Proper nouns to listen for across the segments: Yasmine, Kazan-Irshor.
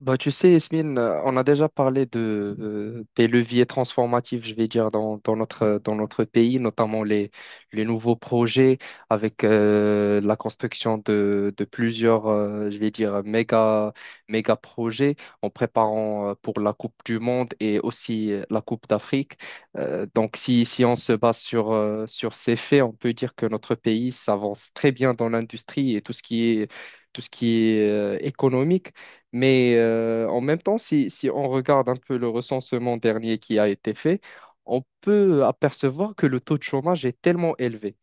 Bah, tu sais, Yasmine, on a déjà parlé des leviers transformatifs, je vais dire, dans notre pays, notamment les nouveaux projets avec la construction de plusieurs, je vais dire, méga projets en préparant pour la Coupe du Monde et aussi la Coupe d'Afrique. Donc, si on se base sur ces faits, on peut dire que notre pays s'avance très bien dans l'industrie et tout ce qui est économique. Mais, en même temps, si on regarde un peu le recensement dernier qui a été fait, on peut apercevoir que le taux de chômage est tellement élevé.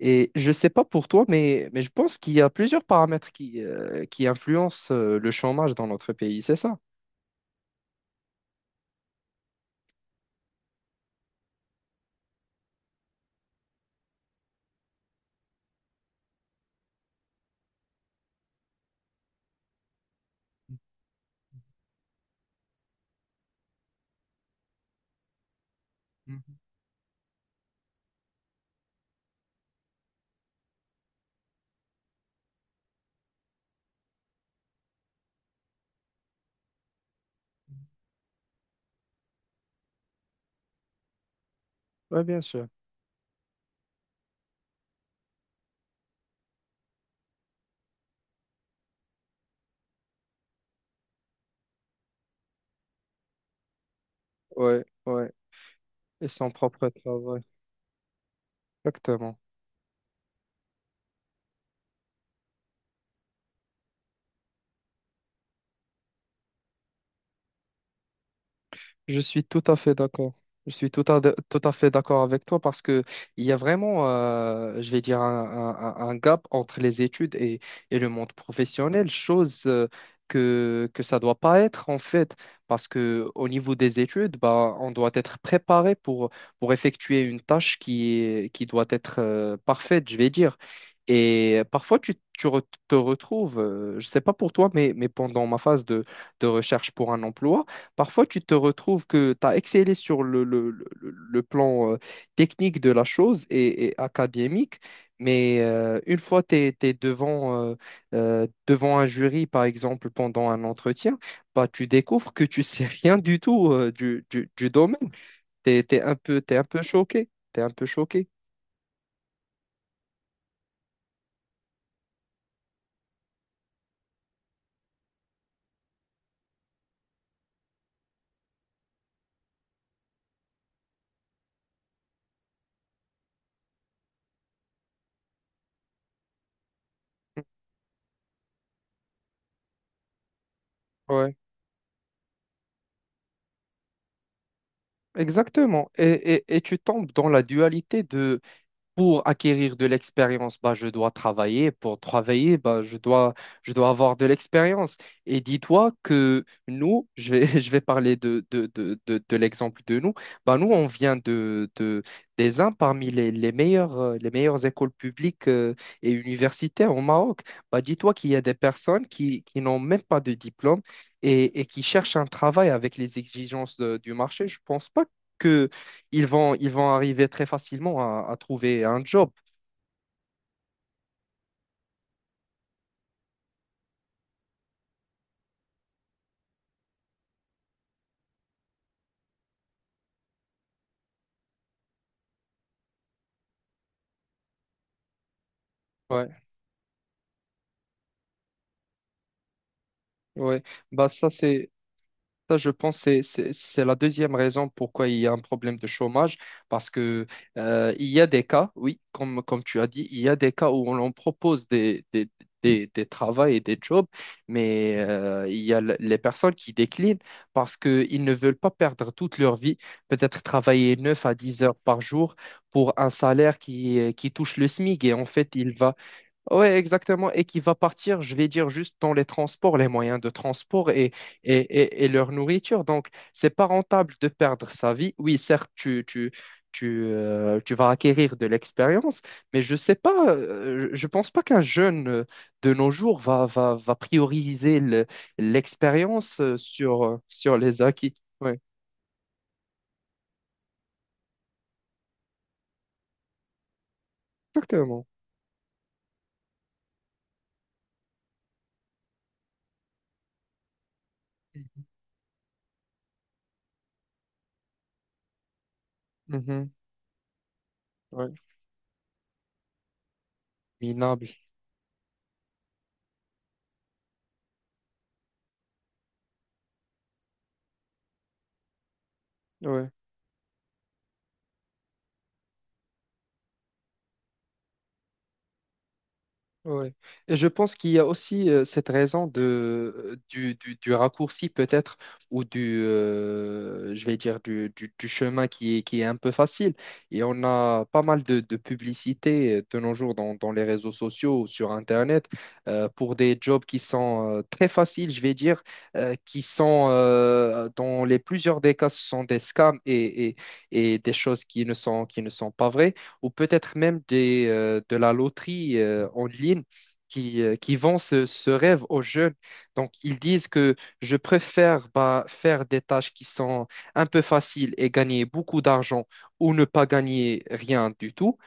Et je ne sais pas pour toi, mais je pense qu'il y a plusieurs paramètres qui influencent le chômage dans notre pays, c'est ça? Oui, bien sûr. Ouais, ouais. Et son propre travail. Exactement. Je suis tout à fait d'accord. Je suis tout à fait d'accord avec toi parce que il y a vraiment, je vais dire, un gap entre les études et le monde professionnel, chose que ça doit pas être en fait, parce que au niveau des études, bah, on doit être préparé pour effectuer une tâche qui doit être parfaite, je vais dire. Et parfois, te retrouves, je sais pas pour toi, mais pendant ma phase de recherche pour un emploi. Parfois, tu te retrouves que tu as excellé sur le plan technique de la chose et académique, mais, une fois que tu es, devant un jury, par exemple, pendant un entretien, bah, tu découvres que tu sais rien du tout du domaine. Tu es, un peu, T'es un peu choqué. T'es un peu choqué. Ouais, exactement. Et tu tombes dans la dualité de. Pour acquérir de l'expérience, bah, je dois travailler. Pour travailler, bah, je dois avoir de l'expérience. Et dis-toi que nous, je vais parler de l'exemple de nous. Bah, nous, on vient des uns parmi les meilleures écoles publiques et universitaires au Maroc. Bah, dis-toi qu'il y a des personnes qui n'ont même pas de diplôme et qui cherchent un travail avec les exigences du marché. Je pense pas que ils vont arriver très facilement à trouver un job. Ouais, ouais. Bah, ça c'est ça, je pense, c'est la deuxième raison pourquoi il y a un problème de chômage, parce que il y a des cas, oui, comme tu as dit, il y a des cas où on leur propose des travaux et des jobs, mais, il y a les personnes qui déclinent parce qu'ils ne veulent pas perdre toute leur vie, peut-être travailler 9 à 10 heures par jour pour un salaire qui touche le SMIC et en fait, il va. Ouais, exactement, et qui va partir, je vais dire, juste dans les transports, les moyens de transport et, et leur nourriture. Donc, c'est pas rentable de perdre sa vie. Oui, certes, tu vas acquérir de l'expérience, mais je sais pas, je pense pas qu'un jeune de nos jours va prioriser l'expérience sur les acquis. Ouais, exactement. Mhm. Ouais. Minable. Ouais. Oui. Et je pense qu'il y a aussi cette raison du raccourci peut-être, ou je vais dire, du chemin qui est un peu facile. Et on a pas mal de publicités de nos jours dans les réseaux sociaux ou sur Internet pour des jobs qui sont très faciles, je vais dire, qui sont, dans les plusieurs des cas, ce sont des scams et des choses qui ne sont pas vraies ou peut-être même de la loterie en ligne qui vend ce rêve aux jeunes. Donc, ils disent que je préfère bah, faire des tâches qui sont un peu faciles et gagner beaucoup d'argent ou ne pas gagner rien du tout,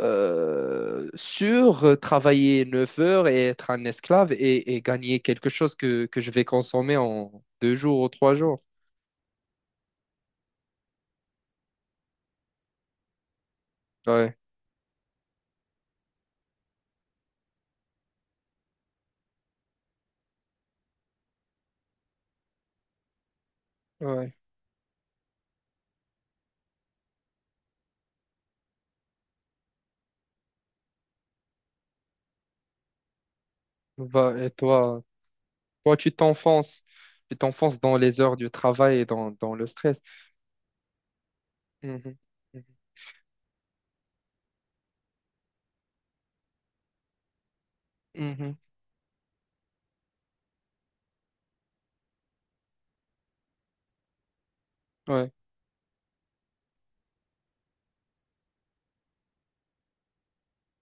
sur travailler 9 heures et être un esclave et gagner quelque chose que je vais consommer en 2 jours ou 3 jours. Ouais, ouais. Bah, et toi? Toi, tu t'enfonces dans les heures du travail et dans le stress. Mhm. Mhm. Mhm. Ouais,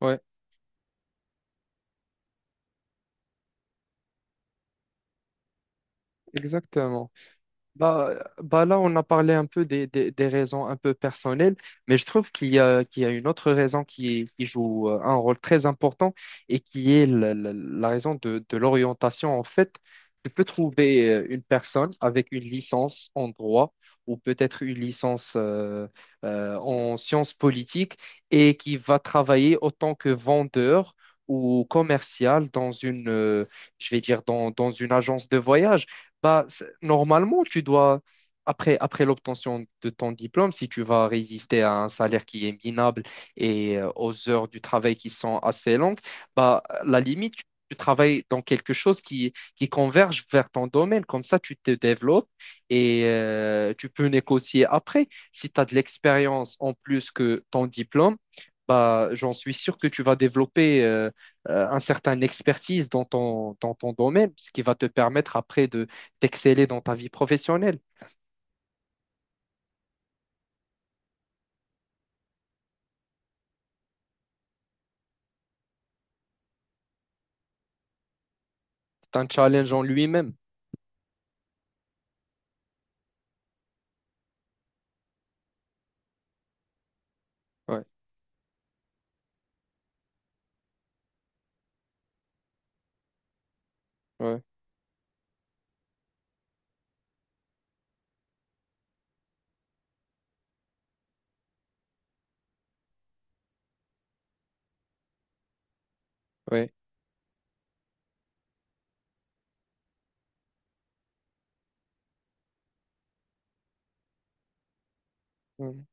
ouais, exactement. Bah là, on a parlé un peu des raisons un peu personnelles, mais je trouve qu'il y a une autre raison qui joue un rôle très important et qui est la raison de l'orientation. En fait, tu peux trouver une personne avec une licence en droit ou peut-être une licence en sciences politiques et qui va travailler autant que vendeur ou commercial dans une, je vais dire, dans, dans une agence de voyage. Bah, normalement, tu dois, après l'obtention de ton diplôme, si tu vas résister à un salaire qui est minable et, aux heures du travail qui sont assez longues, bah, à la limite, tu travailles dans quelque chose qui converge vers ton domaine. Comme ça, tu te développes et, tu peux négocier après. Si tu as de l'expérience en plus que ton diplôme, bah, j'en suis sûr que tu vas développer un certain expertise dans ton domaine, ce qui va te permettre après d'exceller dans ta vie professionnelle. C'est un challenge en lui-même. Ouais, ouais, ouais. Mm.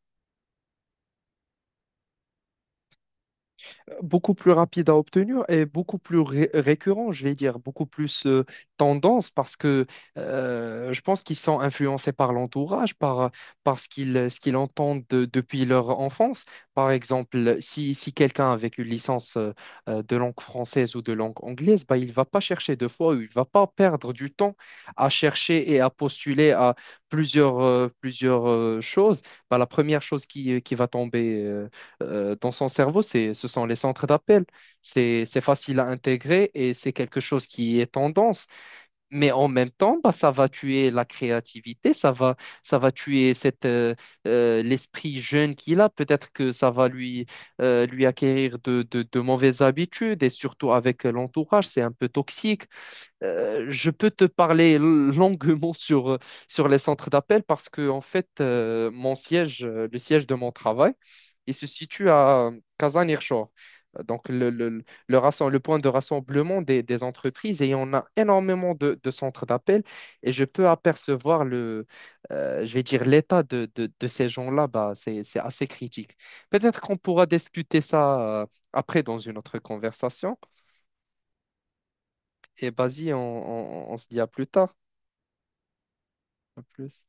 Beaucoup plus rapide à obtenir et beaucoup plus récurrent, je vais dire, beaucoup plus tendance parce que, je pense qu'ils sont influencés par l'entourage, par ce qu'ils entendent depuis leur enfance. Par exemple, si quelqu'un avec une licence de langue française ou de langue anglaise, bah, il ne va pas chercher deux fois, ou il ne va pas perdre du temps à chercher et à postuler à plusieurs choses. Bah, la première chose qui va tomber dans son cerveau, ce sont les centres d'appel. C'est facile à intégrer et c'est quelque chose qui est tendance. Mais en même temps, bah, ça va tuer la créativité, ça va tuer l'esprit jeune qu'il a. Peut-être que ça va lui acquérir de mauvaises habitudes et surtout avec l'entourage, c'est un peu toxique. Je peux te parler longuement sur les centres d'appel parce que, en fait, le siège de mon travail, il se situe à Kazan-Irshor. Donc, le point de rassemblement des entreprises et on a énormément de centres d'appel et je peux apercevoir le, je vais dire, l'état de ces gens-là, bah, c'est assez critique. Peut-être qu'on pourra discuter ça après dans une autre conversation et vas-y, on on se dit à plus tard. À plus.